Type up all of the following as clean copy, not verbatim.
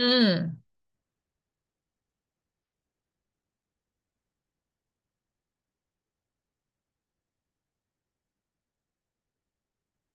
응.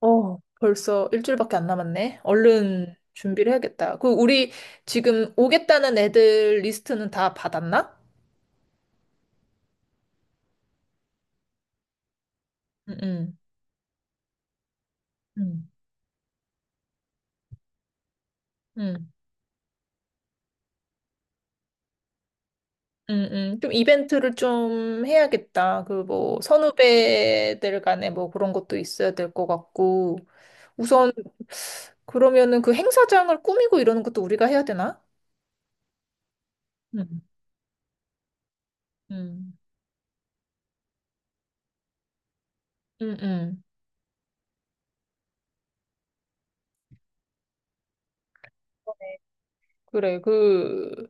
어, 벌써 일주일밖에 안 남았네. 얼른 준비를 해야겠다. 그 우리 지금 오겠다는 애들 리스트는 다 받았나? 응. 응. 응. 응 응 좀 이벤트를 좀 해야겠다. 그 뭐 선후배들 간에 뭐 그런 것도 있어야 될 것 같고. 우선 그러면은 그 행사장을 꾸미고 이러는 것도 우리가 해야 되나? 응. 응. 응응 그래. 그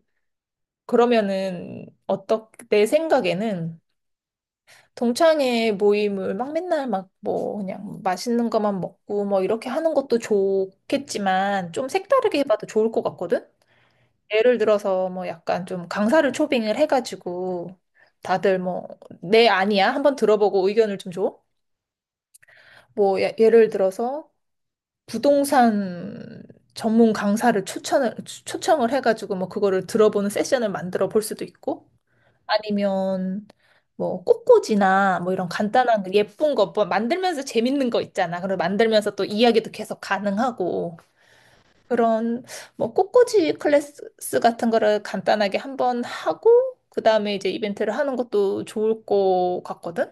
그러면은 어떻 내 생각에는 동창회 모임을 막 맨날 막 뭐 그냥 맛있는 것만 먹고 뭐 이렇게 하는 것도 좋겠지만 좀 색다르게 해봐도 좋을 것 같거든? 예를 들어서 뭐 약간 좀 강사를 초빙을 해가지고 다들 뭐 내 아니야 한번 들어보고 의견을 좀 줘. 뭐 예를 들어서 부동산 전문 강사를 추천을 초청을 해가지고 뭐 그거를 들어보는 세션을 만들어 볼 수도 있고 아니면 뭐 꽃꽂이나 뭐 이런 간단한 거, 예쁜 거 뭐 만들면서 재밌는 거 있잖아. 그리고 만들면서 또 이야기도 계속 가능하고 그런 뭐 꽃꽂이 클래스 같은 거를 간단하게 한번 하고 그다음에 이제 이벤트를 하는 것도 좋을 것 같거든.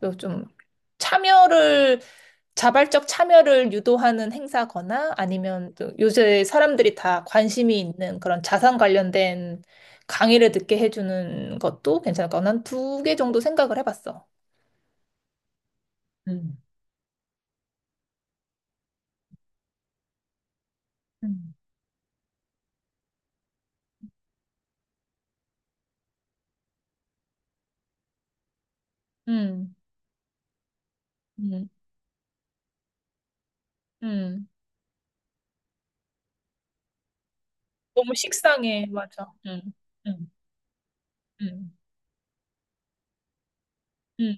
또 좀 참여를 자발적 참여를 유도하는 행사거나 아니면 또 요새 사람들이 다 관심이 있는 그런 자산 관련된 강의를 듣게 해주는 것도 괜찮을 것 같아. 난두 개 정도 생각을 해봤어. 음. 음. 음, 음, 음. 너무 식상해. 맞아. 음, 음, 음.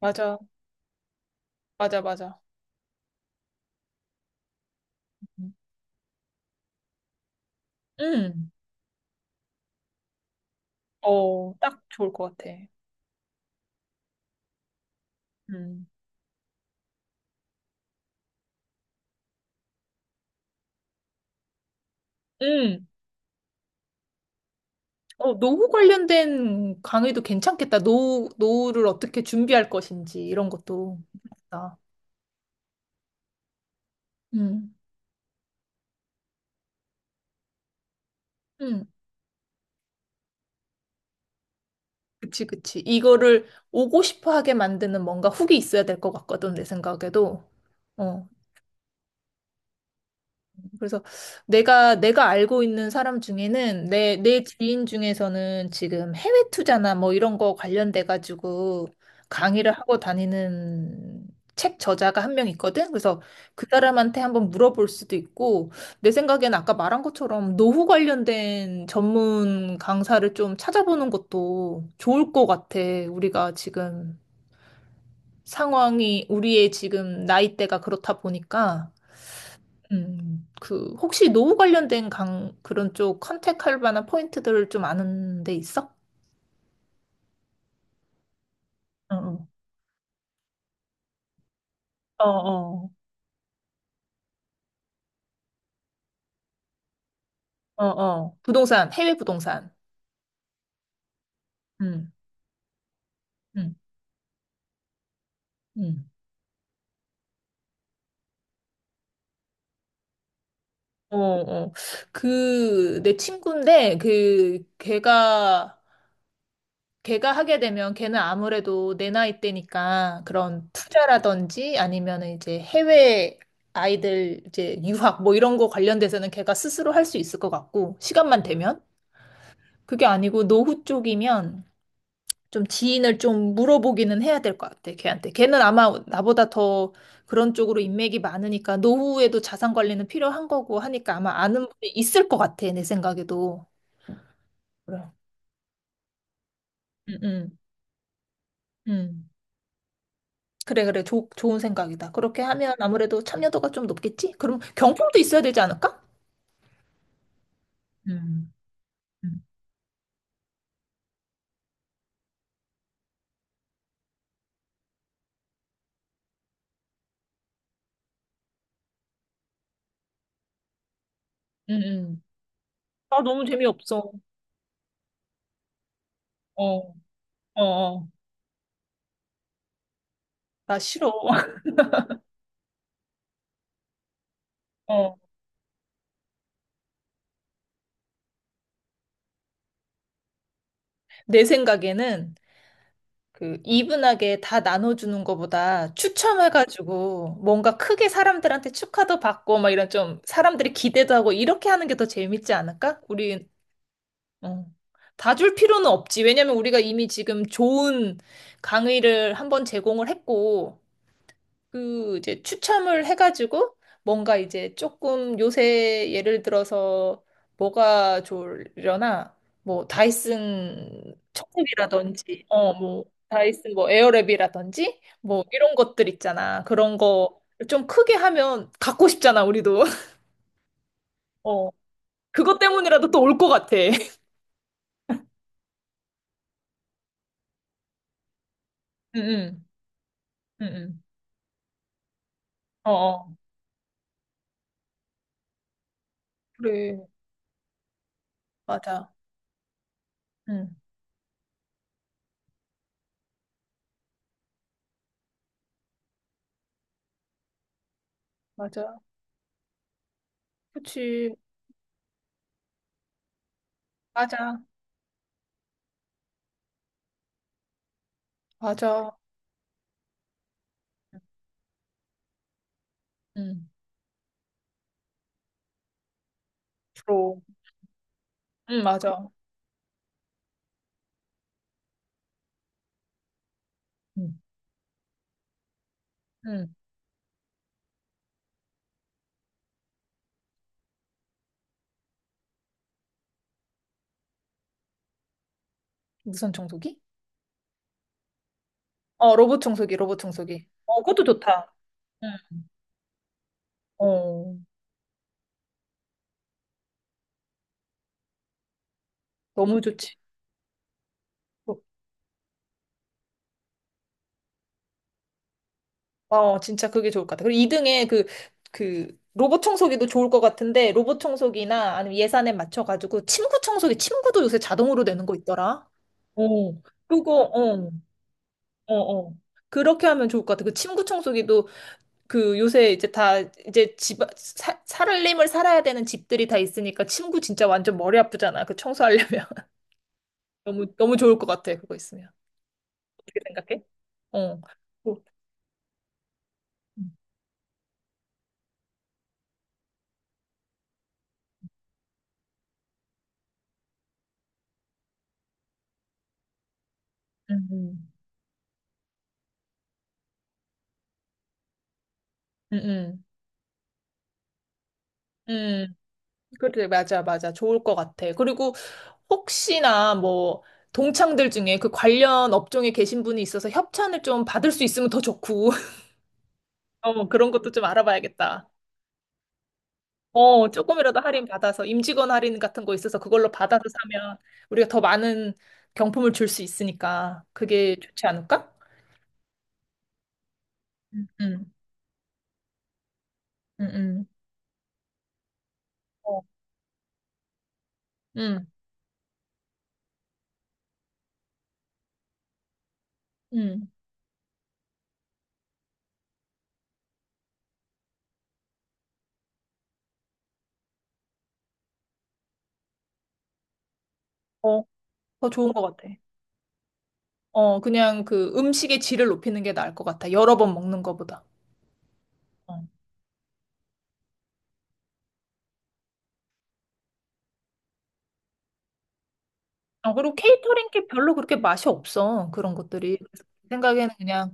맞아. 맞아, 맞아. 음. 음. 어, 딱 좋을 것 같아. 음. 음. 어, 노후 관련된 강의도 괜찮겠다. 노후, 노후를 어떻게 준비할 것인지, 이런 것도. 괜찮다. 음, 음, 그치, 그치. 이거를 오고 싶어 하게 만드는 뭔가 훅이 있어야 될 것 같거든, 내 생각에도. 어, 그래서 내가 알고 있는 사람 중에는 내 지인 중에서는 지금 해외 투자나 뭐 이런 거 관련돼 가지고 강의를 하고 다니는 책 저자가 한 명 있거든. 그래서 그 사람한테 한번 물어볼 수도 있고 내 생각엔 아까 말한 것처럼 노후 관련된 전문 강사를 좀 찾아보는 것도 좋을 것 같아. 우리가 지금 상황이 우리의 지금 나이대가 그렇다 보니까. 그, 혹시 노후 관련된 그런 쪽 컨택할 만한 포인트들을 좀 아는 데 있어? 어, 어, 어, 어, 어. 부동산, 해외 부동산. 음, 음, 음. 어, 어. 그, 내 친구인데, 그, 걔가, 걔가 하게 되면 걔는 아무래도 내 나이 때니까 그런 투자라든지 아니면 이제 해외 아이들 이제 유학 뭐 이런 거 관련돼서는 걔가 스스로 할 수 있을 것 같고, 시간만 되면. 그게 아니고 노후 쪽이면 좀 지인을 좀 물어보기는 해야 될 것 같아, 걔한테. 걔는 아마 나보다 더 그런 쪽으로 인맥이 많으니까 노후에도 자산 관리는 필요한 거고 하니까 아마 아는 분이 있을 것 같아, 내 생각에도. 그래. 응, 응, 응. 그래, 그래. 좋 좋은 생각이다. 그렇게 하면 아무래도 참여도가 좀 높겠지? 그럼 경품도 있어야 되지 않을까? 음, 음, 음, 음. 아, 너무 재미없어. 어, 어, 어. 나 싫어. 어. 내 생각에는 그 이분하게 다 나눠주는 것보다 추첨해가지고 뭔가 크게 사람들한테 축하도 받고 막 이런 좀 사람들이 기대도 하고 이렇게 하는 게 더 재밌지 않을까? 우리 어. 다 줄 필요는 없지. 왜냐면 우리가 이미 지금 좋은 강의를 한번 제공을 했고 그 이제 추첨을 해가지고 뭔가 이제 조금 요새 예를 들어서 뭐가 좋으려나 뭐 다이슨 청소기라든지 어 뭐 다이슨 뭐 에어랩이라든지 뭐 이런 것들 있잖아 그런 거 좀 크게 하면 갖고 싶잖아 우리도 어 그것 때문이라도 또 올 것 같아 응응 응응 어어 그래 맞아 응 맞아 그치 맞아 맞아 응 프로 응 맞아 음. 음. 무선 청소기? 어, 로봇 청소기, 로봇 청소기. 어, 그것도 좋다. 응, 어, 너무 좋지. 어, 진짜 그게 좋을 것 같아. 그리고 2등에 그, 그, 로봇 청소기도 좋을 것 같은데, 로봇 청소기나 아니면 예산에 맞춰가지고, 침구 청소기, 침구도 요새 자동으로 되는 거 있더라. 어, 그거, 어, 어, 어. 그렇게 하면 좋을 것 같아. 그 침구 청소기도 그 요새 이제 다 이제 살림을 살아야 되는 집들이 다 있으니까 침구 진짜 완전 머리 아프잖아. 그 청소하려면. 너무 너무 좋을 것 같아. 그거 있으면. 어떻게 생각해? 어. 응 음, 음, 음, 음. 그래, 맞아, 맞아. 좋을 것 같아. 그리고 혹시나 뭐 동창들 중에 그 관련 업종에 계신 분이 있어서 협찬을 좀 받을 수 있으면 더 좋고. 어, 그런 것도 좀 알아봐야겠다. 어, 조금이라도 할인 받아서 임직원 할인 같은 거 있어서 그걸로 받아서 사면 우리가 더 많은 경품을 줄 수 있으니까 그게 좋지 않을까? 음, 음, 음, 음. 어, 음, 음. 어, 더 좋은 것 같아. 어, 그냥 그 음식의 질을 높이는 게 나을 것 같아. 여러 번 먹는 것보다. 어. 어, 그리고 케이터링 게 별로 그렇게 맛이 없어. 그런 것들이. 그래서 내 생각에는 그냥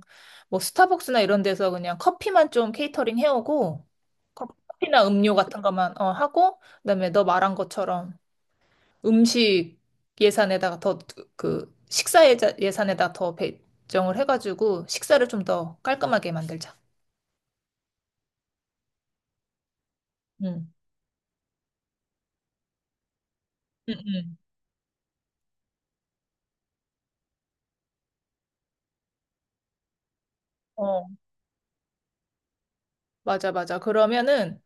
뭐 스타벅스나 이런 데서 그냥 커피만 좀 케이터링 해오고 커피나 음료 같은 것만 어, 하고 그다음에 너 말한 것처럼 음식 예산에다가 더 그 식사 예산에다가 더 배정을 해가지고 식사를 좀 더 깔끔하게 만들자. 응. 응, 응. 어, 맞아, 맞아. 그러면은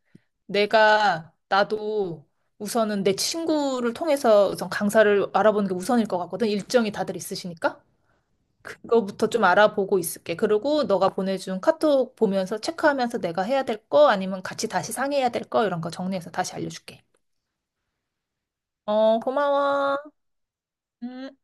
나도 우선은 내 친구를 통해서 우선 강사를 알아보는 게 우선일 것 같거든. 일정이 다들 있으시니까. 그거부터 좀 알아보고 있을게. 그리고 너가 보내준 카톡 보면서 체크하면서 내가 해야 될 거, 아니면 같이 다시 상의해야 될 거, 이런 거 정리해서 다시 알려줄게. 어, 고마워. 음.